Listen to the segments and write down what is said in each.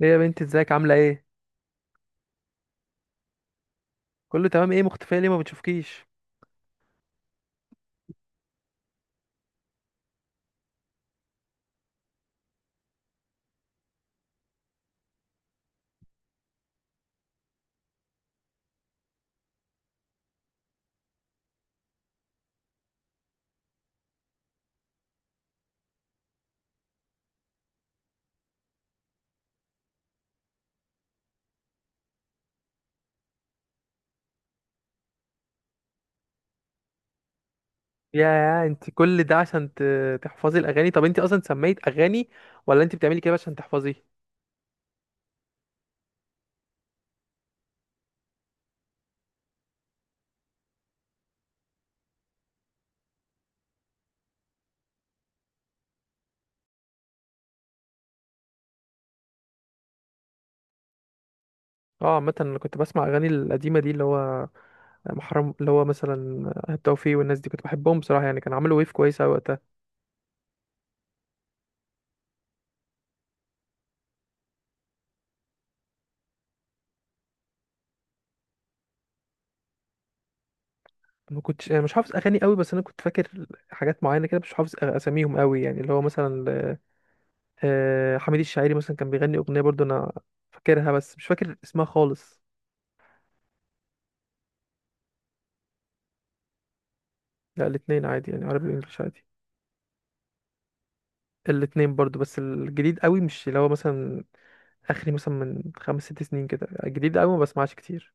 ليه يا بنتي ازيك عاملة ايه؟ كله تمام ايه مختفية ليه ما بتشوفكيش؟ يا انت كل ده عشان تحفظي الأغاني؟ طب انت أصلا سميت أغاني ولا انت بتعملي كده عشان تحفظي؟ اه عامة انا كنت بسمع أغاني القديمة دي، اللي هو محرم، اللي هو مثلا التوفيق والناس دي، كنت بحبهم بصراحه. يعني كان عملوا ويف كويسه أوي وقتها. ما كنتش أنا مش حافظ اغاني قوي، بس انا كنت فاكر حاجات معينه كده، مش حافظ اساميهم قوي، يعني اللي هو مثلا حميد الشاعري مثلا كان بيغني اغنيه برضو، انا فاكرها بس مش فاكر اسمها خالص. لا الاثنين عادي، يعني عربي وانجلش عادي. الاثنين برضو، بس الجديد قوي مش، اللي هو مثلا اخري مثلا من خمس ست سنين كده، الجديد قوي ما بسمعش كتير.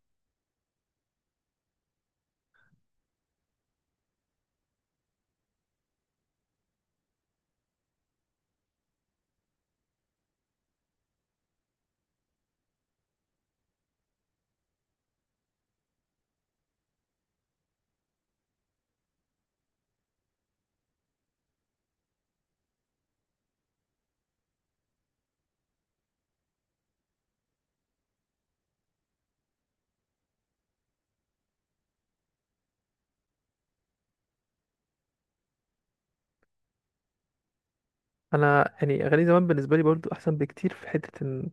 انا يعني اغاني زمان بالنسبه لي برضو احسن بكتير، في حته ان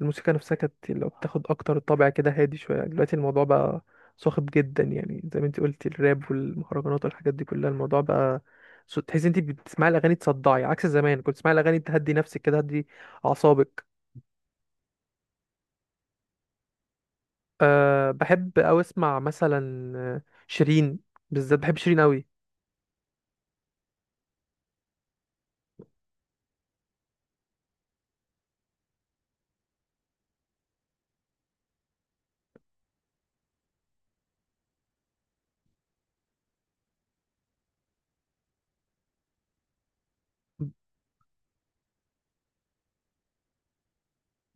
الموسيقى نفسها كانت لو بتاخد اكتر طابع كده هادي شويه. دلوقتي الموضوع بقى صاخب جدا، يعني زي ما انت قلتي الراب والمهرجانات والحاجات دي كلها، الموضوع بقى تحسي انت بتسمعي الاغاني تصدعي، عكس زمان كنت تسمعي الاغاني تهدي نفسك كده، تهدي اعصابك. أه بحب او اسمع مثلا شيرين، بالذات بحب شيرين قوي.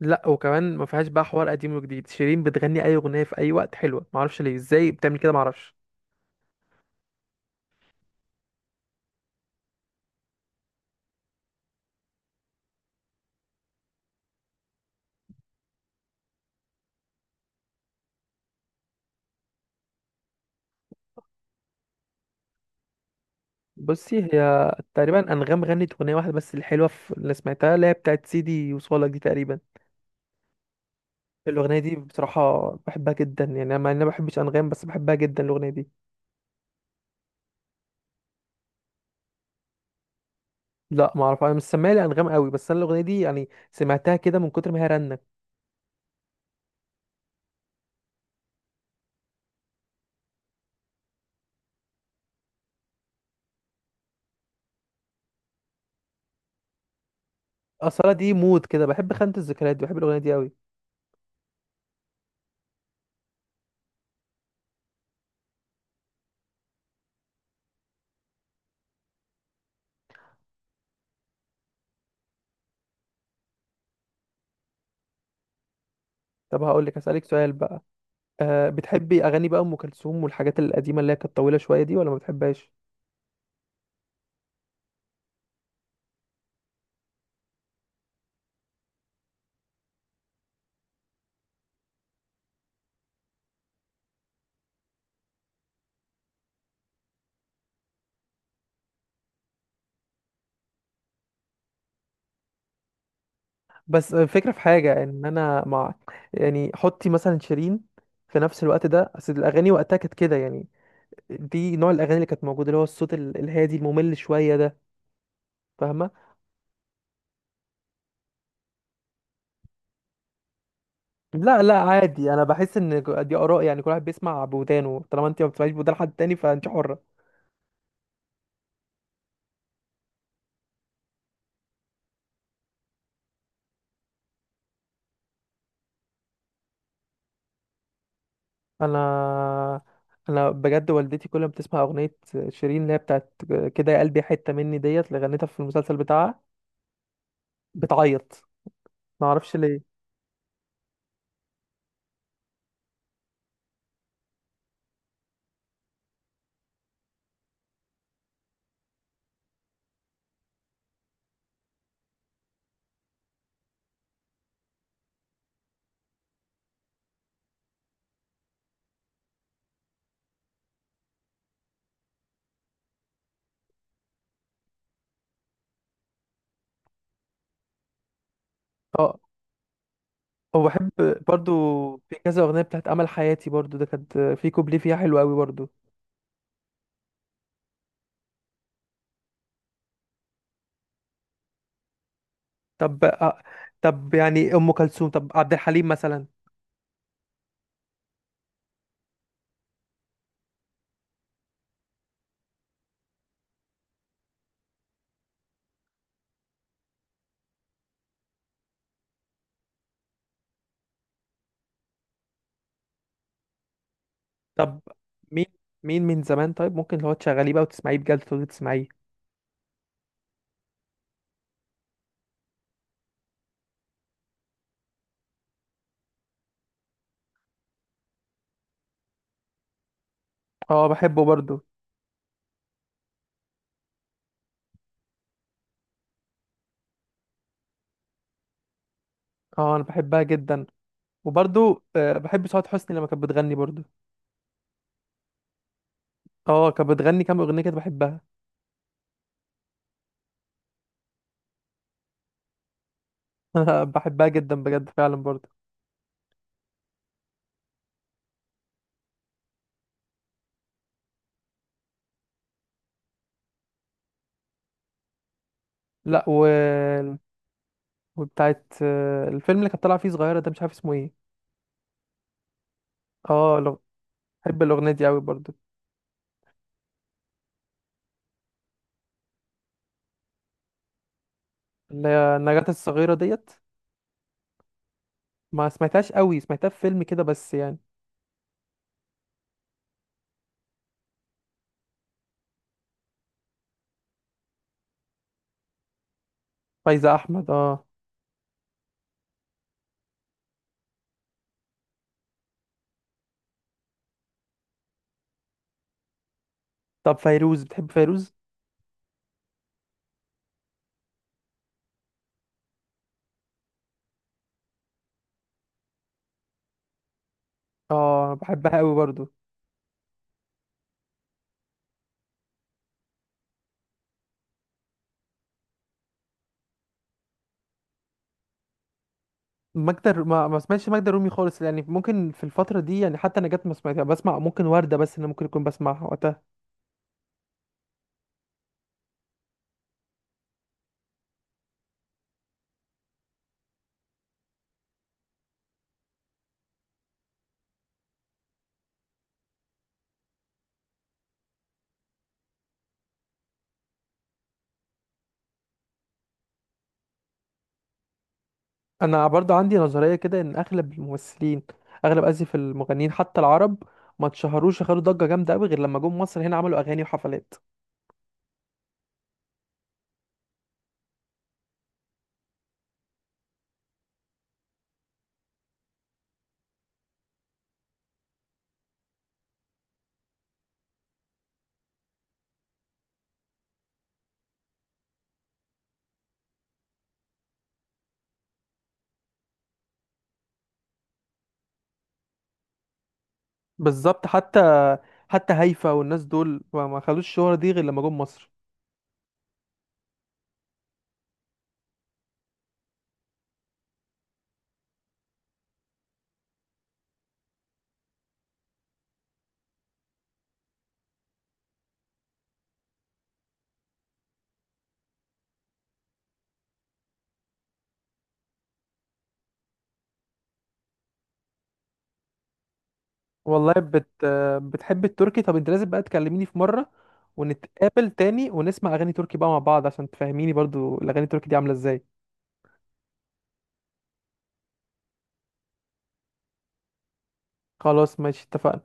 لا وكمان ما فيهاش بقى حوار قديم وجديد، شيرين بتغني اي اغنيه في اي وقت حلوه، ما اعرفش ليه، ازاي بتعمل كده ما اعرفش. بصي هي تقريبا انغام غنت اغنيه واحده بس الحلوه في اللي سمعتها، اللي هي بتاعت سيدي وصالك دي تقريبا. الاغنيه دي بصراحه بحبها جدا، يعني انا مع اني ما بحبش انغام بس بحبها جدا الاغنيه دي. لا ما اعرف، انا مش سامعها لانغام قوي، بس انا الاغنيه دي يعني سمعتها كده من كتر ما هي رنه. اصلا دي مود كده، بحب خانه الذكريات دي، بحب الاغنيه دي قوي. طب هقول لك اسالك سؤال بقى، أه بتحبي اغاني بقى ام كلثوم والحاجات القديمه اللي هي كانت طويله شويه دي، ولا ما بتحبهاش؟ بس الفكرة في حاجة ان انا مع، يعني حطي مثلا شيرين في نفس الوقت ده، اصل الاغاني وقتها كانت كده يعني، دي نوع الاغاني اللي كانت موجودة، اللي هو الصوت الهادي الممل شوية ده، فاهمة؟ لا لا عادي، انا بحس ان دي اراء، يعني كل واحد بيسمع بودانه، طالما انت ما بتسمعيش بودان حد تاني فانت حرة. انا انا بجد والدتي كل ما بتسمع اغنية شيرين اللي هي بتاعت كده، يا قلبي حتة مني ديت، اللي غنتها في المسلسل بتاعها، بتعيط. ما اعرفش ليه. آه. وبحب برضو في كذا اغنيه، بتاعت امل حياتي برضو ده كانت في كوبليه فيها حلو قوي برضو. طب طب يعني ام كلثوم، طب عبد الحليم مثلا؟ طب مين مين من زمان طيب ممكن اللي هو تشغليه بقى وتسمعيه بجد تقعدي تسمعيه؟ اه بحبه برضو. اه انا بحبها جدا. وبرضو بحب سعاد حسني لما كانت بتغني برضو. اه كانت بتغني كام اغنيه كده بحبها. بحبها جدا بجد فعلا برضو. لا و... وبتاعت الفيلم اللي كانت طالعه فيه صغيره ده، مش عارف اسمه ايه. اه لو، بحب الاغنيه دي قوي برضو. اللي هي النجاة الصغيرة ديت، ما سمعتهاش قوي، سمعتها في فيلم كده بس يعني. فايزة أحمد اه. طب فيروز، بتحب فيروز؟ اه بحبها قوي برضو. ما سمعتش ماجدة الرومي خالص يعني، ممكن في الفترة دي يعني، حتى نجاة ما سمعتها، بسمع ممكن وردة، بس اللي ممكن يكون بسمعها وقتها. أنا برضو عندي نظرية كده إن أغلب الممثلين، أغلب آسف المغنيين حتى العرب، ما اتشهروش، خدوا ضجة جامدة قوي غير لما جم مصر هنا، عملوا أغاني وحفلات. بالظبط، حتى حتى هيفا والناس دول ما خدوش الشهرة دي غير لما جم مصر. والله بت...، بتحب التركي؟ طب انت لازم بقى تكلميني في مرة ونتقابل تاني ونسمع اغاني تركي بقى مع بعض، عشان تفهميني برضو الاغاني التركي دي عاملة ازاي. خلاص ماشي، اتفقنا.